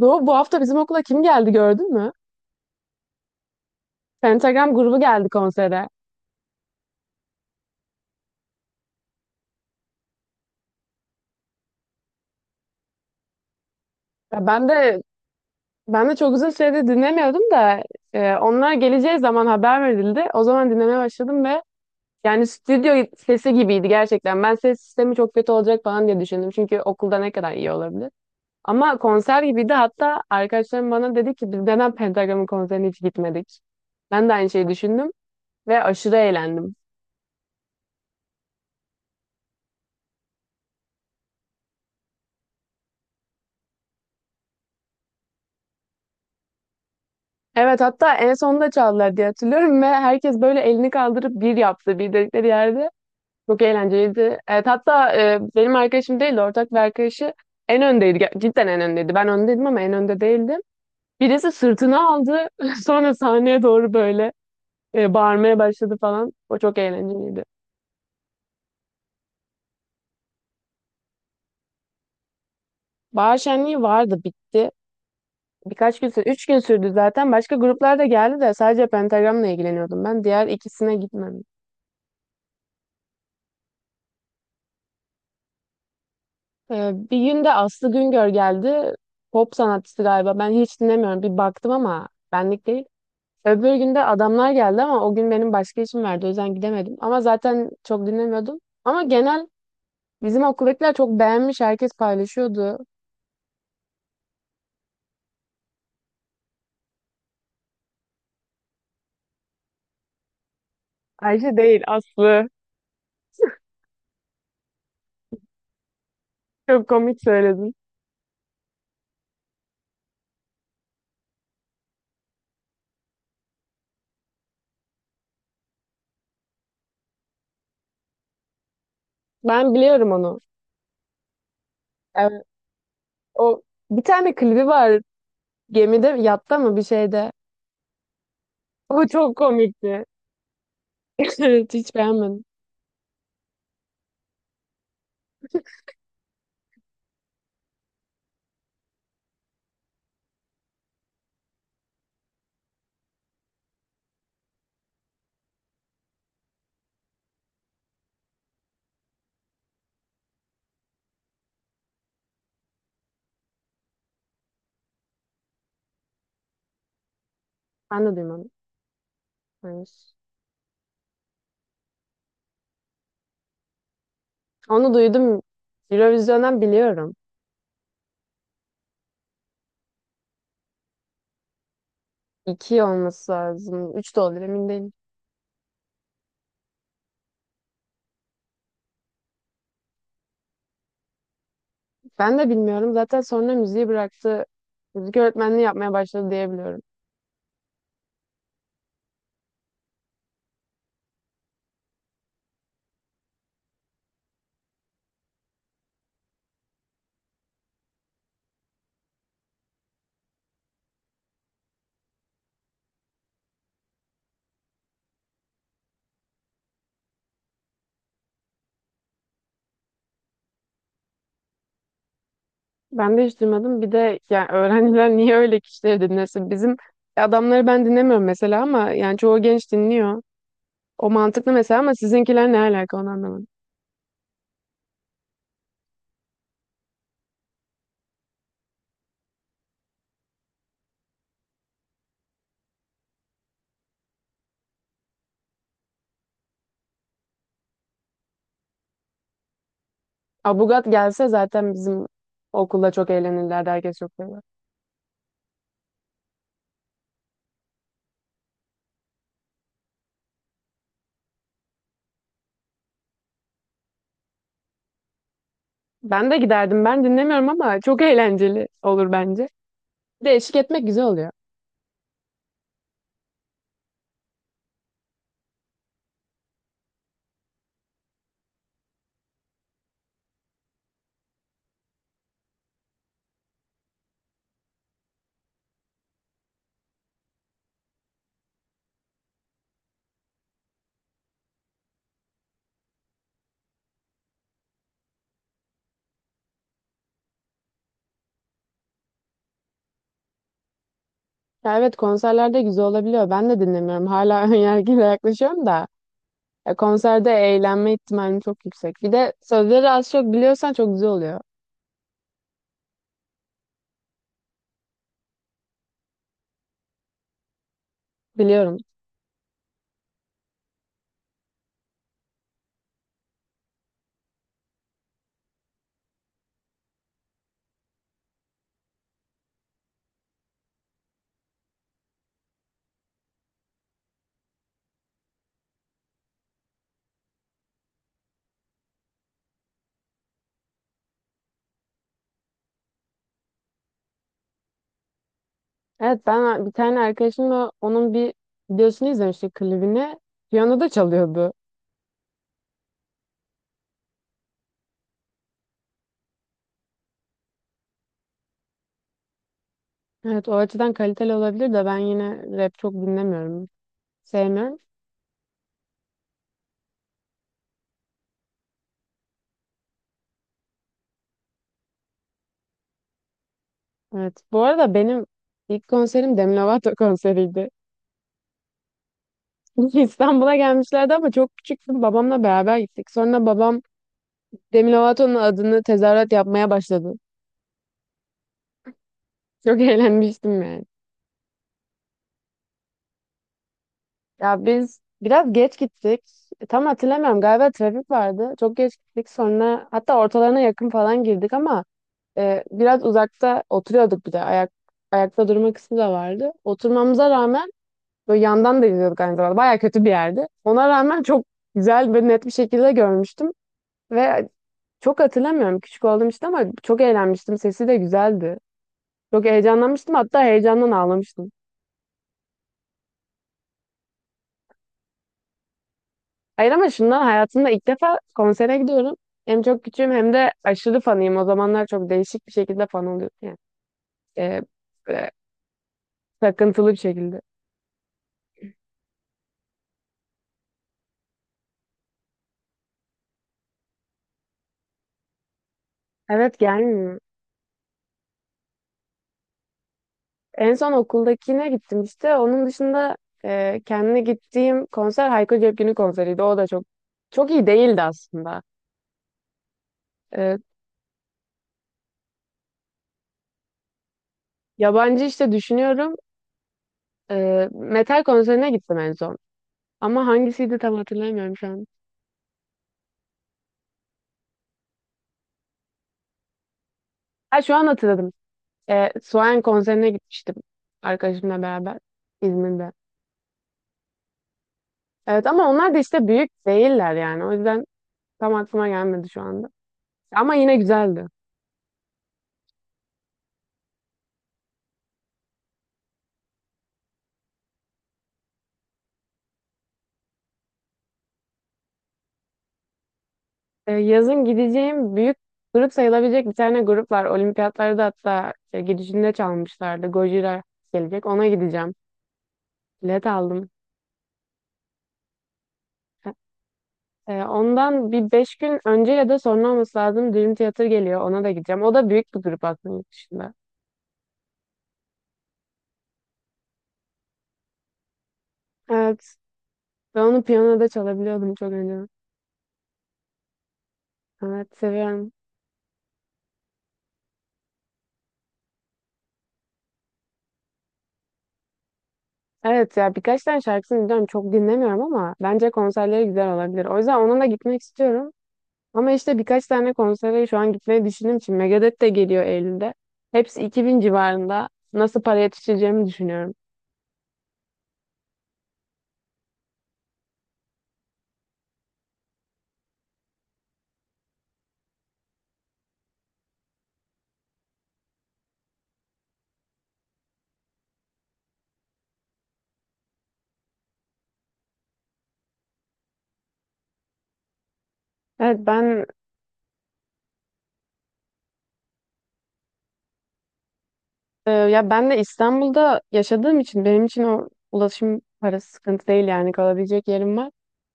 Doğu, bu hafta bizim okula kim geldi gördün mü? Pentagram grubu geldi konsere. Ya ben de ben de çok uzun süredir dinlemiyordum da onlar geleceği zaman haber verildi. O zaman dinlemeye başladım ve yani stüdyo sesi gibiydi gerçekten. Ben ses sistemi çok kötü olacak falan diye düşündüm. Çünkü okulda ne kadar iyi olabilir. Ama konser gibiydi. Hatta arkadaşlarım bana dedi ki biz neden Pentagram'ın konserine hiç gitmedik? Ben de aynı şeyi düşündüm ve aşırı eğlendim. Evet, hatta en sonunda çaldılar diye hatırlıyorum ve herkes böyle elini kaldırıp bir yaptı bir dedikleri yerde. Çok eğlenceliydi. Evet, hatta benim arkadaşım değildi, ortak bir arkadaşı en öndeydi. Cidden en öndeydi. Ben öndeydim ama en önde değildim. Birisi sırtına aldı sonra sahneye doğru böyle bağırmaya başladı falan. O çok eğlenceliydi. Bahar şenliği vardı, bitti. Birkaç gün sürdü. Üç gün sürdü zaten. Başka gruplar da geldi de sadece Pentagram'la ilgileniyordum ben. Diğer ikisine gitmedim. Bir gün de Aslı Güngör geldi. Pop sanatçısı galiba. Ben hiç dinlemiyorum. Bir baktım ama benlik değil. Öbür gün de adamlar geldi ama o gün benim başka işim vardı. O yüzden gidemedim. Ama zaten çok dinlemiyordum. Ama genel bizim okuldakiler çok beğenmiş. Herkes paylaşıyordu. Ayşe değil, Aslı. Çok komik söyledin. Ben biliyorum onu. Evet, o bir tane klibi var. Gemide, yatta mı bir şeyde. O çok komikti. Evet, hiç beğenmedim. Ben de duymadım. Evet. Onu duydum. Eurovision'dan biliyorum. İki olması lazım. Üç de olabilir, emin değilim. Ben de bilmiyorum. Zaten sonra müziği bıraktı. Müzik öğretmenliği yapmaya başladı diyebiliyorum. Ben de hiç duymadım. Bir de yani öğrenciler niye öyle kişileri dinlesin? Bizim adamları ben dinlemiyorum mesela ama yani çoğu genç dinliyor. O mantıklı mesela ama sizinkiler ne alaka onu anlamadım. Abugat gelse zaten bizim okulda çok eğlenirlerdi. Herkes çok sever. Ben de giderdim. Ben dinlemiyorum ama çok eğlenceli olur bence. Bir de eşlik etmek güzel oluyor. Ya evet, konserlerde güzel olabiliyor. Ben de dinlemiyorum. Hala önyargıyla yaklaşıyorum da. Ya konserde eğlenme ihtimalim çok yüksek. Bir de sözleri az çok biliyorsan çok güzel oluyor. Biliyorum. Evet, ben bir tane arkadaşımla onun bir videosunu izlemiştik, klibini. Piyano da çalıyordu. Evet, o açıdan kaliteli olabilir de ben yine rap çok dinlemiyorum. Sevmiyorum. Evet, bu arada benim ilk konserim Demi Lovato konseriydi. İstanbul'a gelmişlerdi ama çok küçüktüm. Babamla beraber gittik. Sonra babam Demi Lovato'nun adını tezahürat yapmaya başladı. Çok eğlenmiştim yani. Ya biz biraz geç gittik. Tam hatırlamıyorum, galiba trafik vardı. Çok geç gittik, sonra hatta ortalarına yakın falan girdik ama biraz uzakta oturuyorduk bir de. Ayakta durma kısmı da vardı. Oturmamıza rağmen böyle yandan da izliyorduk aynı zamanda. Baya kötü bir yerdi. Ona rağmen çok güzel ve net bir şekilde görmüştüm. Ve çok hatırlamıyorum, küçük oldum işte, ama çok eğlenmiştim. Sesi de güzeldi. Çok heyecanlanmıştım, hatta heyecandan ağlamıştım. Hayır ama şundan, hayatımda ilk defa konsere gidiyorum. Hem çok küçüğüm hem de aşırı fanıyım. O zamanlar çok değişik bir şekilde fan oluyorum. Yani, e, böyle takıntılı bir şekilde. Evet, gelmiyor. En son okuldakine gittim işte. Onun dışında kendine gittiğim konser Hayko Cepkin'in konseriydi. O da çok iyi değildi aslında. E, Yabancı işte düşünüyorum. Metal konserine gittim en son. Ama hangisiydi tam hatırlamıyorum şu an. Ha, şu an hatırladım. Suayen konserine gitmiştim arkadaşımla beraber İzmir'de. Evet ama onlar da işte büyük değiller yani. O yüzden tam aklıma gelmedi şu anda. Ama yine güzeldi. Yazın gideceğim büyük grup sayılabilecek bir tane grup var. Olimpiyatlarda hatta gidişinde çalmışlardı. Gojira gelecek. Ona gideceğim. Bilet aldım. Ondan bir beş gün önce ya da sonra olması lazım, Dream Theater geliyor. Ona da gideceğim. O da büyük bir grup aslında yurt dışında. Evet. Ben onu piyanoda çalabiliyordum çok önce. Evet, seviyorum. Evet ya, birkaç tane şarkısını biliyorum. Çok dinlemiyorum ama bence konserleri güzel olabilir. O yüzden onunla gitmek istiyorum. Ama işte birkaç tane konsere şu an gitmeyi düşündüğüm için, Megadeth de geliyor Eylül'de. Hepsi 2000 civarında. Nasıl para yetiştireceğimi düşünüyorum. Evet ben ya ben de İstanbul'da yaşadığım için benim için o ulaşım parası sıkıntı değil, yani kalabilecek yerim var.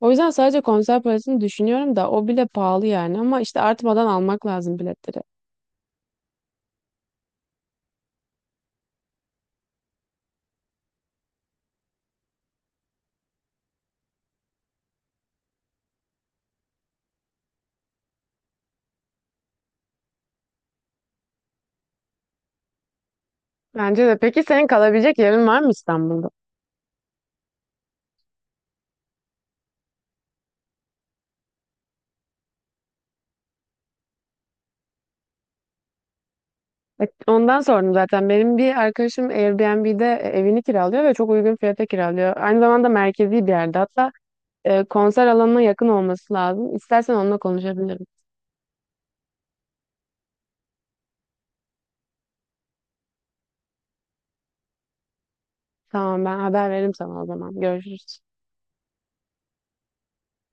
O yüzden sadece konser parasını düşünüyorum da o bile pahalı yani, ama işte artmadan almak lazım biletleri. Bence de. Peki senin kalabilecek yerin var mı İstanbul'da? Evet, ondan sordum zaten. Benim bir arkadaşım Airbnb'de evini kiralıyor ve çok uygun fiyata kiralıyor. Aynı zamanda merkezi bir yerde. Hatta konser alanına yakın olması lazım. İstersen onunla konuşabilirim. Tamam, ben haber veririm sana o zaman. Görüşürüz.